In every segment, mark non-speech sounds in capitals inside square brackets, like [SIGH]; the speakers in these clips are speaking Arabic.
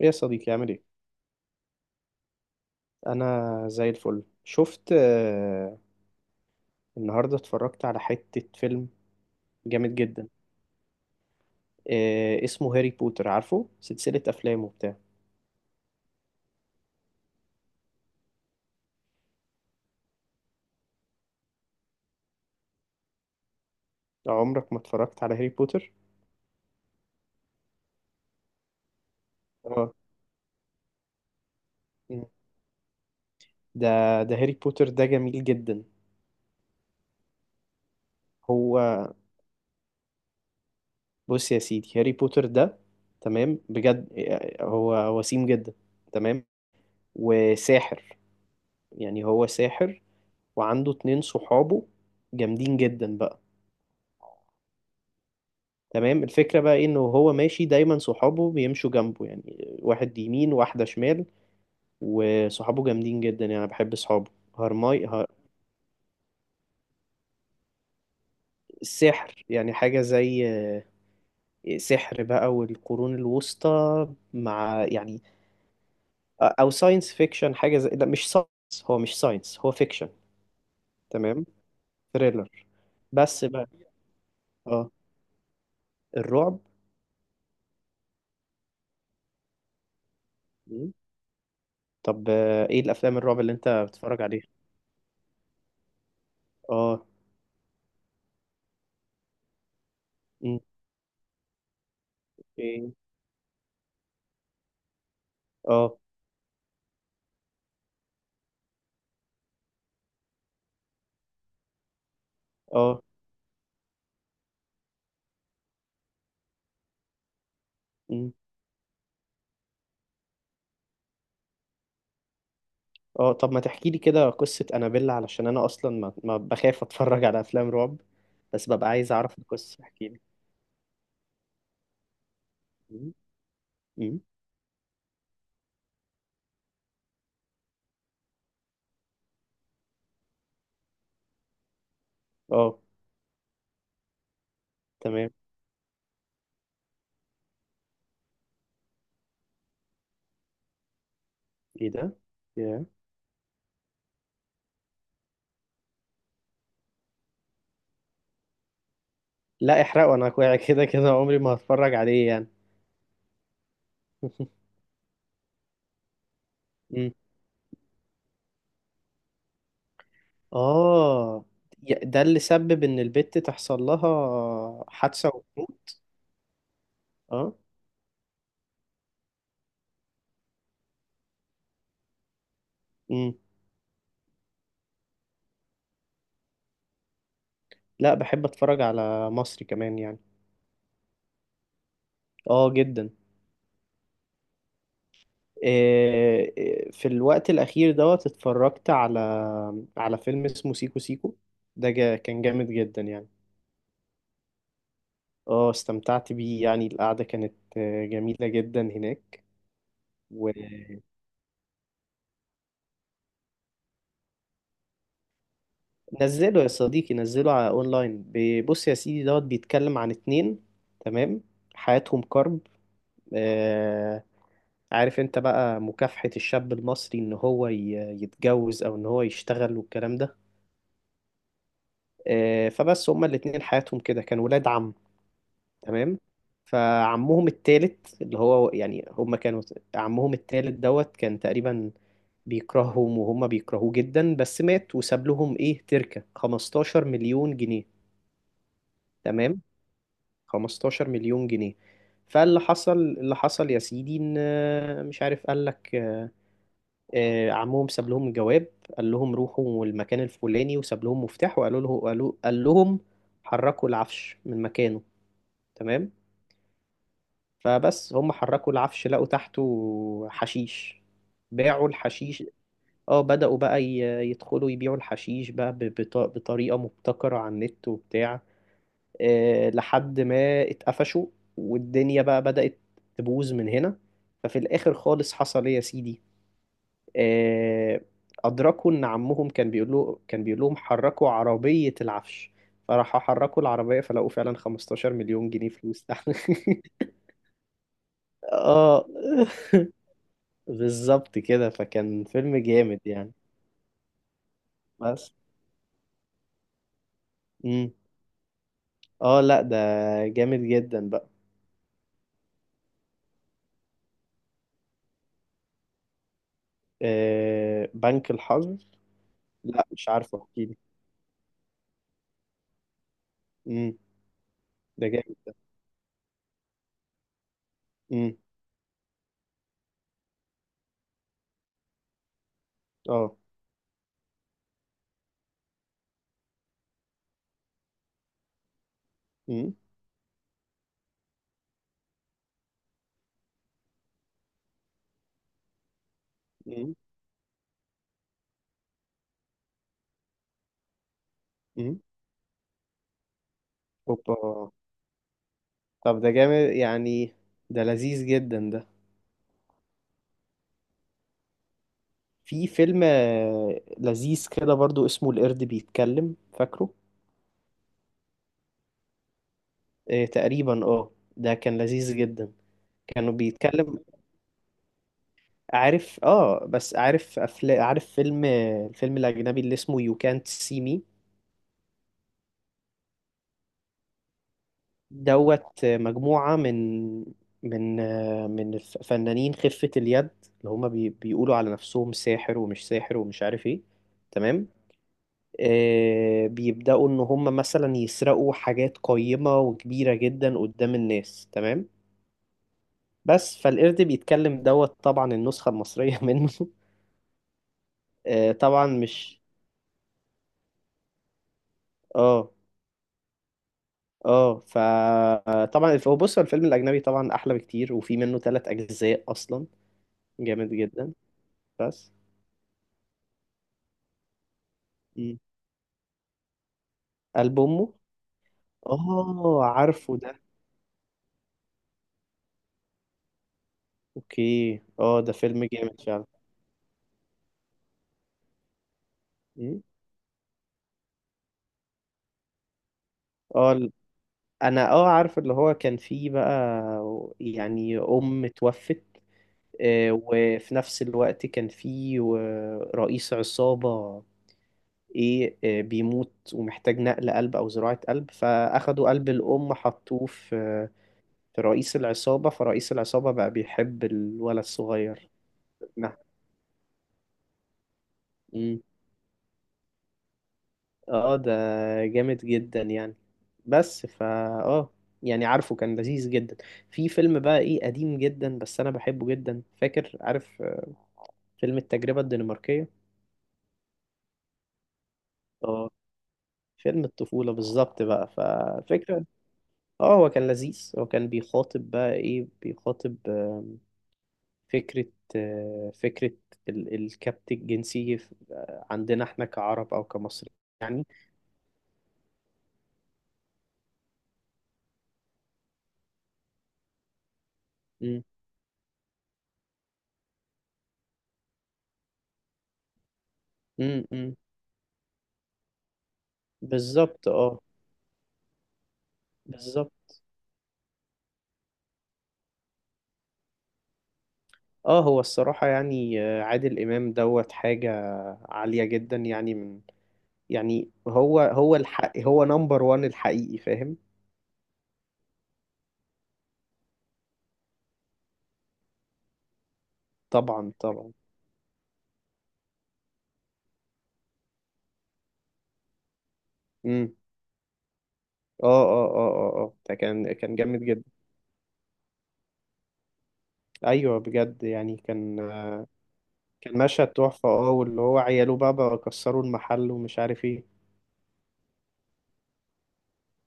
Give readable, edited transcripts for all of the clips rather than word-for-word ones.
ايه يا صديقي، عامل ايه؟ انا زي الفل. شفت، النهارده اتفرجت على حتة فيلم جامد جدا. اسمه هاري بوتر، عارفه سلسلة افلام وبتاع. عمرك ما اتفرجت على هاري بوتر؟ اه. مم. ده ده هاري بوتر ده جميل جدا. هو بص يا سيدي، هاري بوتر ده تمام بجد، هو وسيم جدا. تمام، وساحر، يعني هو ساحر وعنده اتنين صحابه جامدين جدا بقى. تمام. الفكرة بقى إيه؟ إنه هو ماشي دايما، صحابه بيمشوا جنبه، يعني واحد يمين واحدة شمال. وصحابه جامدين جدا، يعني أنا بحب صحابه. هرماي ه... السحر يعني حاجة زي سحر بقى والقرون الوسطى، مع يعني، أو ساينس فيكشن حاجة زي. لا مش ساينس، هو مش ساينس، هو فيكشن. تمام. ثريلر. بس بقى. اه، الرعب. مم. طب، ايه الافلام الرعب اللي انت بتتفرج عليها؟ اه. مم. ايه. اه. اه. مم. اه، طب ما تحكي لي كده قصة أنابيلا علشان أنا أصلا ما بخاف أتفرج على أفلام رعب، بس ببقى عايز أعرف القصة، احكي لي. مم. مم. اه. تمام. ايه ده؟ yeah. لا، احرقه أنا كويس [LAUGHS] كده كده عمري ما هتفرج عليه يعني. [LAUGHS] مم. اه، ده اللي سبب إن البت تحصل لها حادثة وتموت. اه. مم. لا، بحب أتفرج على مصري كمان يعني. اه، جدا. إيه، إيه، في الوقت الأخير دوت اتفرجت على فيلم اسمه سيكو سيكو. ده جا كان جامد جدا يعني. اه، استمتعت بيه يعني، القعدة كانت جميلة جدا هناك. ونزله. يا صديقي نزله على اونلاين، بص يا سيدي دوت بيتكلم عن اتنين. تمام، حياتهم كرب. آه عارف انت بقى مكافحة الشاب المصري ان هو يتجوز او ان هو يشتغل والكلام ده. فبس هما الاتنين حياتهم كده كانوا ولاد عم. تمام، فعمهم التالت اللي هو يعني هم كانوا، عمهم التالت دوت كان تقريبا بيكرههم وهم بيكرهوه جدا، بس مات وساب لهم ايه تركة 15 مليون جنيه. تمام، 15 مليون جنيه. فاللي حصل اللي حصل يا سيدي ان، مش عارف قال لك، عمهم ساب لهم جواب. قال لهم روحوا المكان الفلاني وساب لهم مفتاح وقالوا له قالوا قال لهم حركوا العفش من مكانه. تمام. فبس هم حركوا العفش لقوا تحته حشيش، باعوا الحشيش. اه، بدأوا بقى يدخلوا يبيعوا الحشيش بقى بطريقة مبتكرة على النت وبتاع، لحد ما اتقفشوا، والدنيا بقى بدأت تبوظ من هنا. ففي الآخر خالص حصل ايه يا سيدي، آه، أدركوا إن عمهم كان بيقول لهم حركوا عربية العفش، فراحوا حركوا العربية فلقوا فعلا 15 مليون جنيه فلوس. [LAUGHS] اه، بالظبط كده، فكان فيلم جامد يعني. بس امم اه، لا ده جامد جدا بقى. بنك الحظ. لا مش عارفه، احكيلي. امم ده جامد. امم اه امم امم امم اوبا. طب ده جامد يعني، ده لذيذ جدا ده. في فيلم لذيذ كده برضو اسمه القرد بيتكلم، فاكره؟ تقريبا، اه. ده كان لذيذ جدا. كانوا بيتكلم. عارف، اه. بس عارف عارف الفيلم الأجنبي اللي اسمه You Can't See Me؟ دوت مجموعة من من فنانين خفة اليد، اللي هما بيقولوا على نفسهم ساحر ومش ساحر ومش عارف ايه. تمام. بيبدأوا ان هما مثلا يسرقوا حاجات قيمة وكبيرة جدا قدام الناس، تمام. بس فالقرد بيتكلم دوت طبعا النسخة المصرية [LAUGHS] منه. طبعا مش. اه، اه، فطبعا هو بص، هو الفيلم الاجنبي طبعا احلى بكتير، وفي منه ثلاث اجزاء اصلا. جامد جدا، بس. مم. قلب امه. اه، عارفه ده. اوكي، اه، ده فيلم جامد فعلا. مم. اه، انا اه عارف اللي هو كان فيه بقى، يعني ام توفت، وفي نفس الوقت كان فيه رئيس عصابة، ايه، بيموت ومحتاج نقل قلب او زراعة قلب، فاخدوا قلب الام حطوه في رئيس العصابة، فرئيس العصابة بقى بيحب الولد الصغير. نعم. مم. اه، ده جامد جدا يعني، بس. اه، يعني عارفه كان لذيذ جدا. في فيلم بقى ايه قديم جدا بس انا بحبه جدا، فاكر عارف، فيلم التجربة الدنماركية. اه، فيلم الطفولة بالظبط بقى، فالفكرة، اه، هو كان لذيذ، هو كان بيخاطب بقى ايه، بيخاطب فكرة فكرة الكبت الجنسي عندنا احنا كعرب أو كمصريين يعني. مم. مم. مم. بالظبط، اه. بالظبط، اه، هو الصراحة يعني، عادل إمام دوت حاجة عالية جدا يعني، من يعني، هو الحق، هو نمبر وان الحقيقي، فاهم؟ طبعا طبعا. مم. اه، اه، اه، اه، اه، ده كان جامد جدا. ايوه بجد يعني كان، كان مشهد تحفة. اه، واللي هو عياله بقى كسروا المحل ومش عارف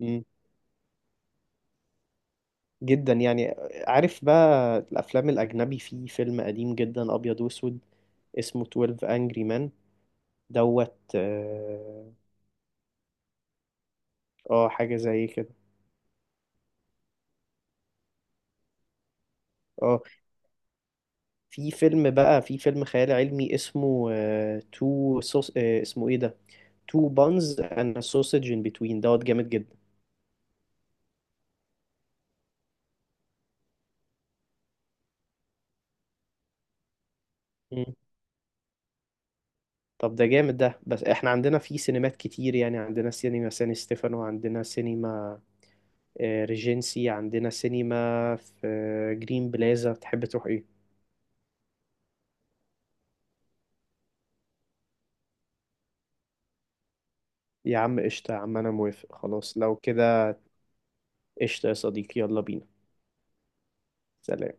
ايه، جدا يعني. عارف بقى الافلام الاجنبي، في فيلم قديم جدا ابيض واسود اسمه 12 انجري مان دوت. اه، حاجه زي كده. اه، في فيلم بقى، في فيلم خيال علمي اسمه تو سوس، اسمه ايه ده، تو بانز اند سوسج ان بتوين دوت، جامد جدا. مم. طب ده جامد ده، بس احنا عندنا في سينمات كتير يعني، عندنا سينما سان ستيفانو، عندنا سينما ريجنسي، عندنا سينما في جرين بلازا، تحب تروح إيه؟ يا عم قشطة، يا عم أنا موافق خلاص لو كده. قشطة يا صديقي، يلا بينا. سلام.